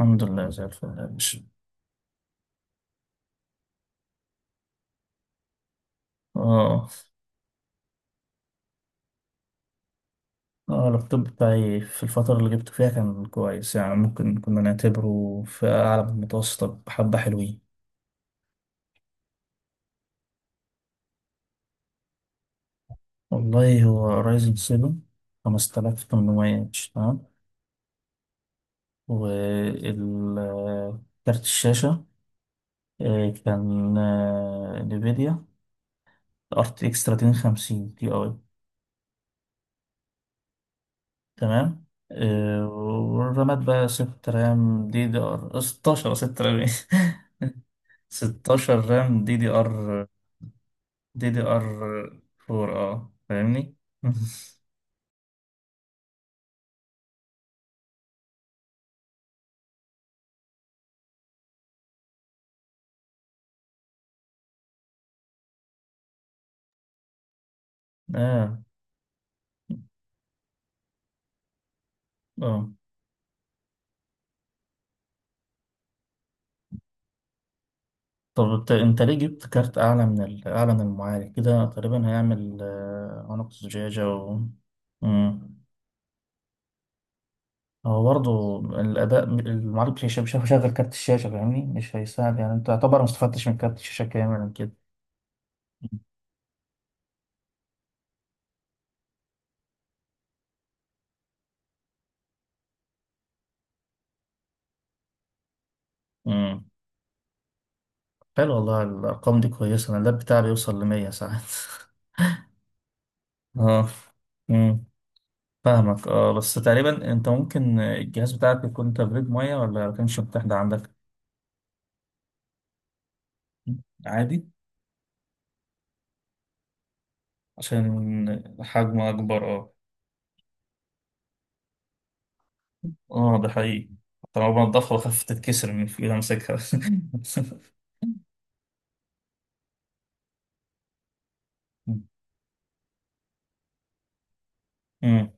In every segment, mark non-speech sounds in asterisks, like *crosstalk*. الحمد لله زي الفل يا باشا. اه. اه، اللابتوب بتاعي في الفترة اللي جبته فيها كان كويس، يعني ممكن كنا نعتبره في أعلى من المتوسطة بحبة، حلوين. والله هو رايزن 7 5800 اتش، تمام. وكارت الشاشة كان نفيديا ار تي اكس 3050 تي اي. تمام. والرامات بقى 6 رام دي دي ار 16، ولا 6 رام، ايه؟ *laughs* 16 رام دي دي ار، دي دي ار 4، اه فاهمني. *laughs* اه. اه، طب انت ليه جبت كارت اعلى من المعالج؟ كده تقريبا هيعمل عنق زجاجة و... مم. هو برضه الأداء، المعالج مش هيشغل كارت الشاشة، فاهمني؟ مش هيساعد يعني، أنت تعتبر ما استفدتش من كارت الشاشة كاملا كده. مم. حلو والله، الأرقام دي كويسة. أنا اللاب بتاعي بيوصل لمية ساعات. *laughs* اه فاهمك، اه بس تقريبا انت ممكن الجهاز بتاعك يكون تبريد ميه، ولا ما كانش متاح ده عندك؟ عادي، عشان حجمه اكبر اه. اه ده حقيقي، طالما بنضفها وخفت تتكسر من في ايد امسكها. *laughs* أمم.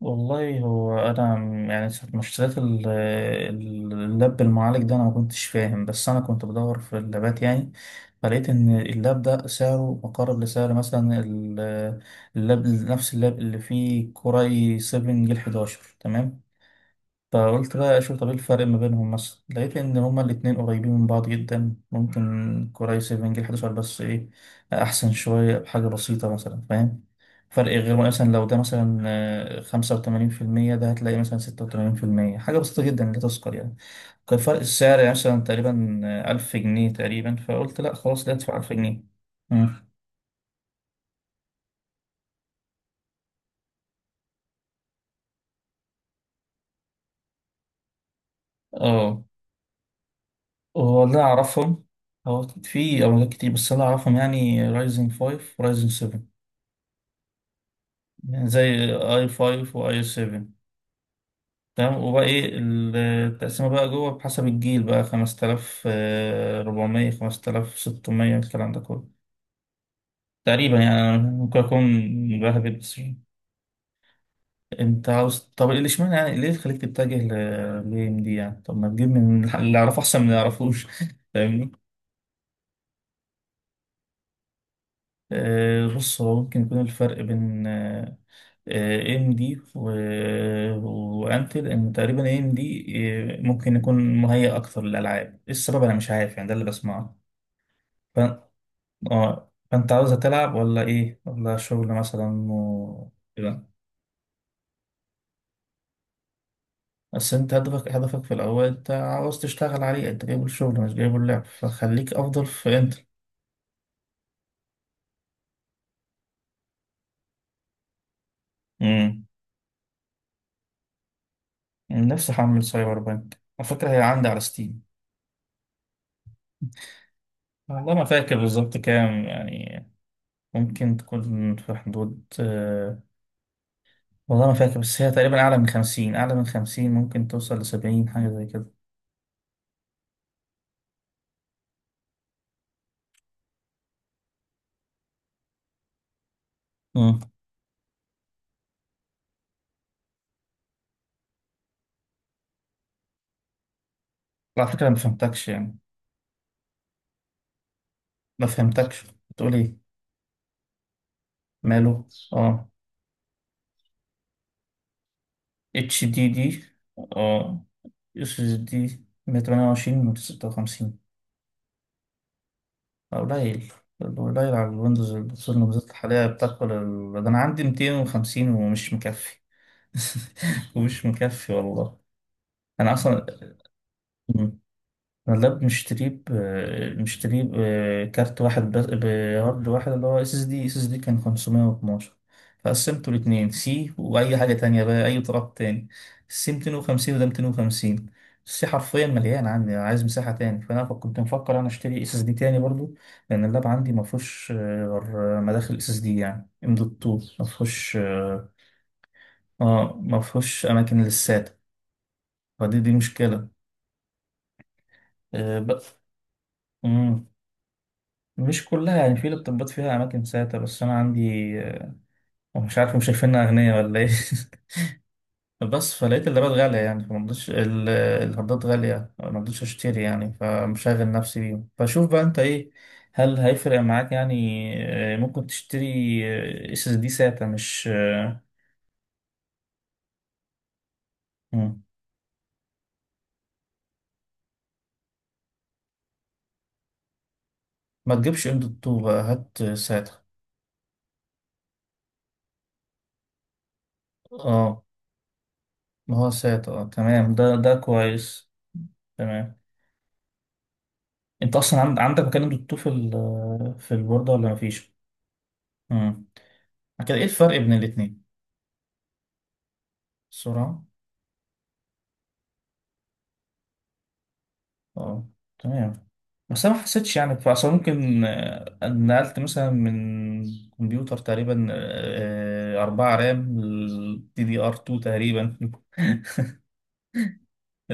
والله هو يعني ساعة ما اشتريت اللاب، المعالج ده أنا ما كنتش فاهم، بس أنا كنت بدور في اللابات يعني. فلقيت إن اللاب ده سعره مقارب لسعر مثلا اللاب، نفس اللاب اللي فيه كوراي 7 جيل 11، تمام. فقلت بقى اشوف طب ايه الفرق ما بينهم، مثلا لقيت ان هما الاتنين قريبين من بعض جدا، ممكن كوراي 7 جيل 11 بس ايه، احسن شوية بحاجة بسيطة مثلا، فاهم؟ فرق غير، مثلا لو ده مثلا خمسة وتمانين في المية، ده هتلاقي مثلا ستة وتمانين في المية، حاجة بسيطة جدا لا تذكر يعني. كان فرق السعر يعني مثلا تقريبا ألف جنيه تقريبا، فقلت لأ خلاص لا أدفع ألف جنيه. مم. اه، هو اللي أنا أعرفهم، هو في أولاد كتير بس أنا أعرفهم يعني رايزن فايف ورايزن سيفن، زي اي 5 واي 7. تمام. وبقى ايه التقسيمه بقى جوه بحسب الجيل، بقى 5400 5600 الكلام ده كله. تقريبا يعني، أنا ممكن اكون بهبد بس. انت عاوز، طب اللي اشمعنى يعني، ليه اللي خليك تتجه ل ام دي يعني؟ طب ما تجيب من اللي اعرفه احسن من اللي ما يعرفوش. *laughs* بص، هو ممكن يكون الفرق بين ام دي وانتل ان تقريبا ام دي ممكن يكون مهيأ اكتر للالعاب. ايه السبب؟ انا مش عارف يعني، ده اللي بسمعه. ف... اه، فانت عاوز تلعب ولا ايه، ولا شغل مثلا و... كده. بس انت هدفك، هدفك في الاول، انت عاوز تشتغل عليه، انت جايبه الشغل مش جايبه اللعب، فخليك افضل في انتل. امم. نفسي احمل سايبر بانك على فكره، هي عندي على ستيم. والله ما فاكر بالظبط كام يعني، ممكن تكون في حدود والله ما فاكر، بس هي تقريبا أعلى من خمسين، أعلى من خمسين، ممكن توصل لسبعين، حاجة زي كده. مم. على فكرة أنا مفهمتكش يعني، مفهمتكش، بتقول إيه؟ ماله؟ اه. اتش دي دي. اه. اس اس دي 128 من 56، قليل، قليل على الويندوز اللي بتصير بالذات الحالية، بتاكل ال... ده أنا عندي 250 ومش مكفي. *laughs* ومش مكفي والله. أنا أصلا أنا اللاب مشتريه بكارت واحد بس، بهارد واحد اللي هو اس اس دي، اس اس دي كان 512. فقسمته لاتنين، سي وأي حاجة تانية بقى أي طراب تاني. السي 250 وده 250. السي حرفيا مليان عندي، أنا عايز مساحة تاني، كنت مفكر أنا أشتري اس اس دي تاني برضو، لأن اللاب عندي مفهوش غير مداخل اس اس دي يعني ام دوت 2، مفهوش اه. مفهوش أماكن للساتا، فدي دي مشكلة. آه، بقى، مش كلها يعني، في الطبات فيها أماكن ساتة، بس أنا عندي مش عارف، مش شايفيننا أغنياء ولا إيه؟ *laughs* بس فلقيت اللابات غالية يعني، فمرضتش، الهاردات غالية، مرضتش أشتري يعني، فمشغل نفسي بيهم. فشوف بقى أنت إيه، هل هيفرق معاك يعني، ممكن تشتري اس اس دي ساتا مش مم. ما تجيبش ام دوت 2 بقى، هات ساتا. اه، ما هو ساتا اه، تمام، ده كويس. تمام. انت اصلا عندك مكان ام دوت 2 في في البوردة ولا مفيش؟ كده ايه الفرق بين الاتنين؟ السرعة. اه تمام. بس انا ما حسيتش يعني، فأصلا ممكن نقلت مثلا من كمبيوتر تقريبا أربعة رام دي دي ار 2 تقريبا. *laughs*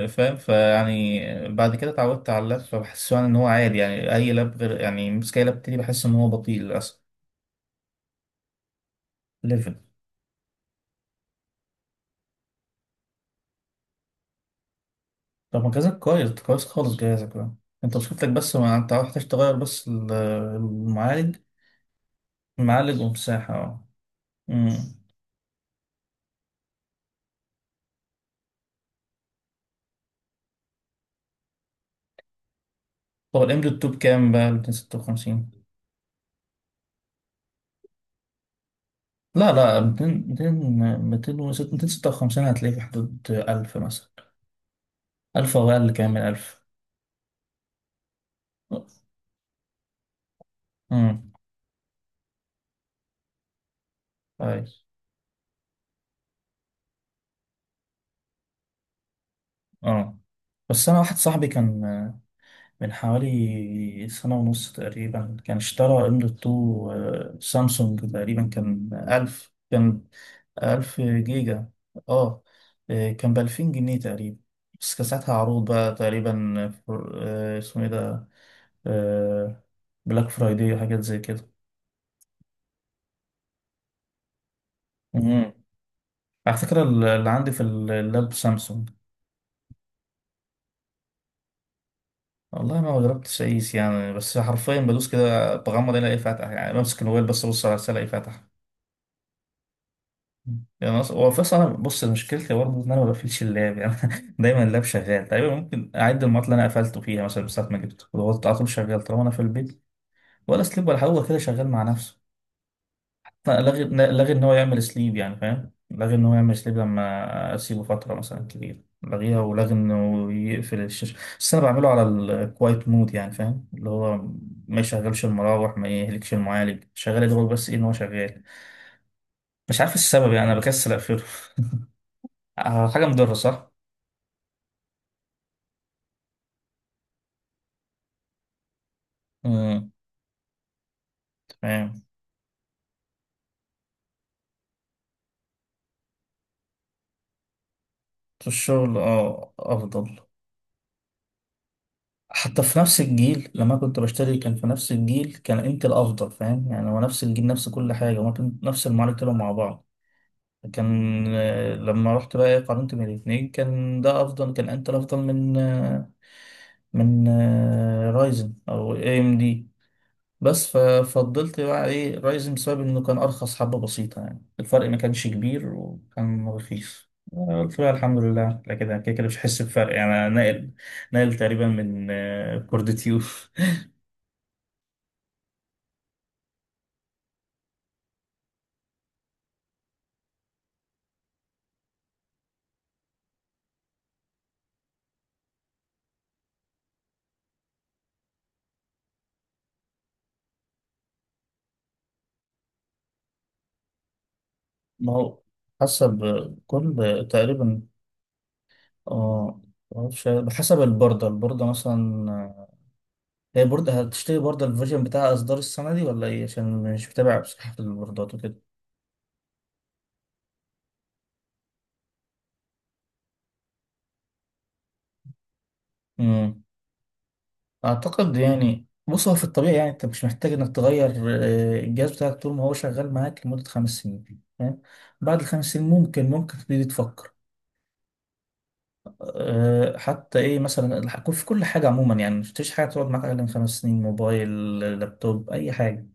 فاهم، فيعني بعد كده اتعودت على اللاب، فبحس يعني ان هو عادي، يعني اي لاب غير، يعني مسك اي لاب تاني بحس ان هو بطيء للاسف. ليفل. طب ما جهازك كويس، كويس خالص جهازك ده. انت مشكلتك بس، ما انت محتاج تغير بس المعالج. المعالج ومساحة اه. أمم. هو الام دي التوب كام بقى، 256؟ لا لا 200، 200، 206، 256 هتلاقيه في حدود 1000 مثلا، 1000 او اقل، كمان من 1000. امم. كويس. اه بس انا واحد صاحبي كان من حوالي سنة ونص تقريبا، كان اشترى ام دوت 2 سامسونج، تقريبا كان 1000، كان 1000 جيجا اه. كان ب 2000 جنيه تقريبا، بس كان ساعتها عروض بقى تقريبا، اسمه ايه ده، بلاك فرايداي وحاجات زي كده. مم. على فكرة اللي عندي في اللاب سامسونج. والله ما جربتش اقيس يعني، بس حرفيا بدوس كده بغمض الاقي فاتح، يعني بمسك الموبايل بس ابص على الرسالة الاقي فاتح، يعني هو في اصلا بص مشكلتي برضه ان انا ما بقفلش اللاب يعني، *laughs* دايما اللاب شغال، تقريبا ممكن اعد المعطل اللي انا قفلته فيها مثلا، من ساعة ما جبته وهو على طول شغال طالما انا في البيت. ولا سليب ولا حاجة، هو كده شغال مع نفسه. فلغي ان هو يعمل سليب يعني، فاهم؟ لغي ان هو يعمل سليب لما اسيبه فتره مثلا كبيره، لغيها، ولغي انه يقفل الشاشه، بس انا بعمله على الكوايت مود يعني، فاهم؟ اللي هو ما يشغلش المراوح، ما يهلكش المعالج، شغال يا دوبك، بس ايه، ان هو شغال. مش عارف السبب يعني، انا بكسل اقفله. *laughs* حاجه مضره صح. امم. تمام. في الشغل اه افضل. حتى في نفس الجيل لما كنت بشتري، كان في نفس الجيل كان انت الافضل، فاهم؟ يعني هو نفس الجيل، نفس كل حاجه، ممكن نفس المعالج، طلعوا مع بعض. كان لما رحت بقى إيه، قارنت بين الاتنين، كان ده افضل، كان انتل افضل من رايزن او اي ام دي. بس ففضلت بقى ايه، رايزن بسبب انه كان ارخص حبة بسيطة يعني، الفرق ما كانش كبير وكان رخيص، قلت بقى الحمد لله لا، كده كده كده مش هحس بفرق، يعني انا ناقل، ناقل تقريبا من كور دي تيوف. ما هو حسب كل، تقريبا اه، معرفش، بحسب البوردة، البوردة مثلا هي برضه هتشتري برضه الفيرجن بتاعها، اصدار السنه دي ولا ايه؟ عشان مش متابع بصحه البوردات وكده. امم. اعتقد يعني، بص هو في الطبيعي يعني، انت مش محتاج انك تغير الجهاز بتاعك طول ما هو شغال معاك لمده خمس سنين، فاهم؟ بعد الخمس سنين، ممكن تبتدي تفكر. أه، حتى ايه مثلا في كل حاجه عموما يعني، مش تشتريش حاجه تقعد معاك اقل من خمس سنين، موبايل، لابتوب، اي حاجه.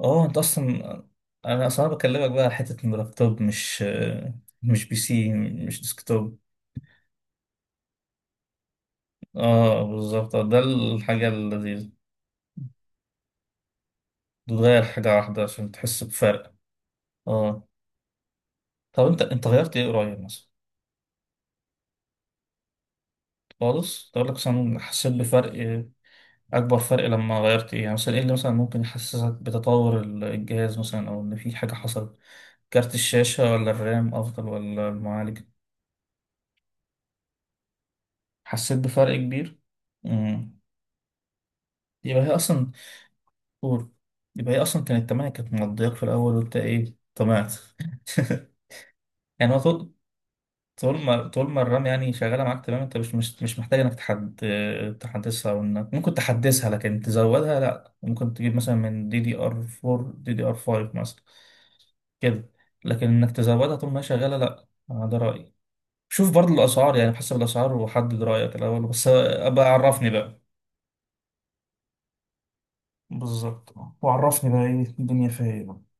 اه انت اصلا، انا اصلا بكلمك بقى على حته ان اللابتوب مش مش بي سي، مش ديسكتوب. اه بالظبط، ده الحاجة اللذيذة. تغير حاجة واحدة عشان تحس بفرق. اه. طب انت غيرت ايه قريب مثلا، خالص، تقول لك مثلا حسيت بفرق؟ اكبر فرق لما غيرت ايه يعني؟ مثلا ايه اللي مثلا ممكن يحسسك بتطور الجهاز مثلا، او ان في حاجة حصلت؟ كارت الشاشة ولا الرام افضل ولا المعالج؟ حسيت بفرق كبير؟ امم. يبقى هي اصلا، قول. يبقى هي اصلا كانت تمام، كانت مضايقك في الاول وانت ايه، طمعت. *laughs* يعني، طول ما الرام يعني شغاله معاك تمام، انت مش محتاج انك تحدثها او انك ممكن تحدثها لكن تزودها لا. ممكن تجيب مثلا من دي دي ار 4 دي دي ار 5 مثلا كده، لكن انك تزودها طول ما هي شغاله لا. ده رايي. شوف برضو الاسعار يعني، حسب الاسعار وحدد رايك الاول، بس ابقى عرفني بقى. بالظبط. وعرفني بقى ايه الدنيا فيها ايه.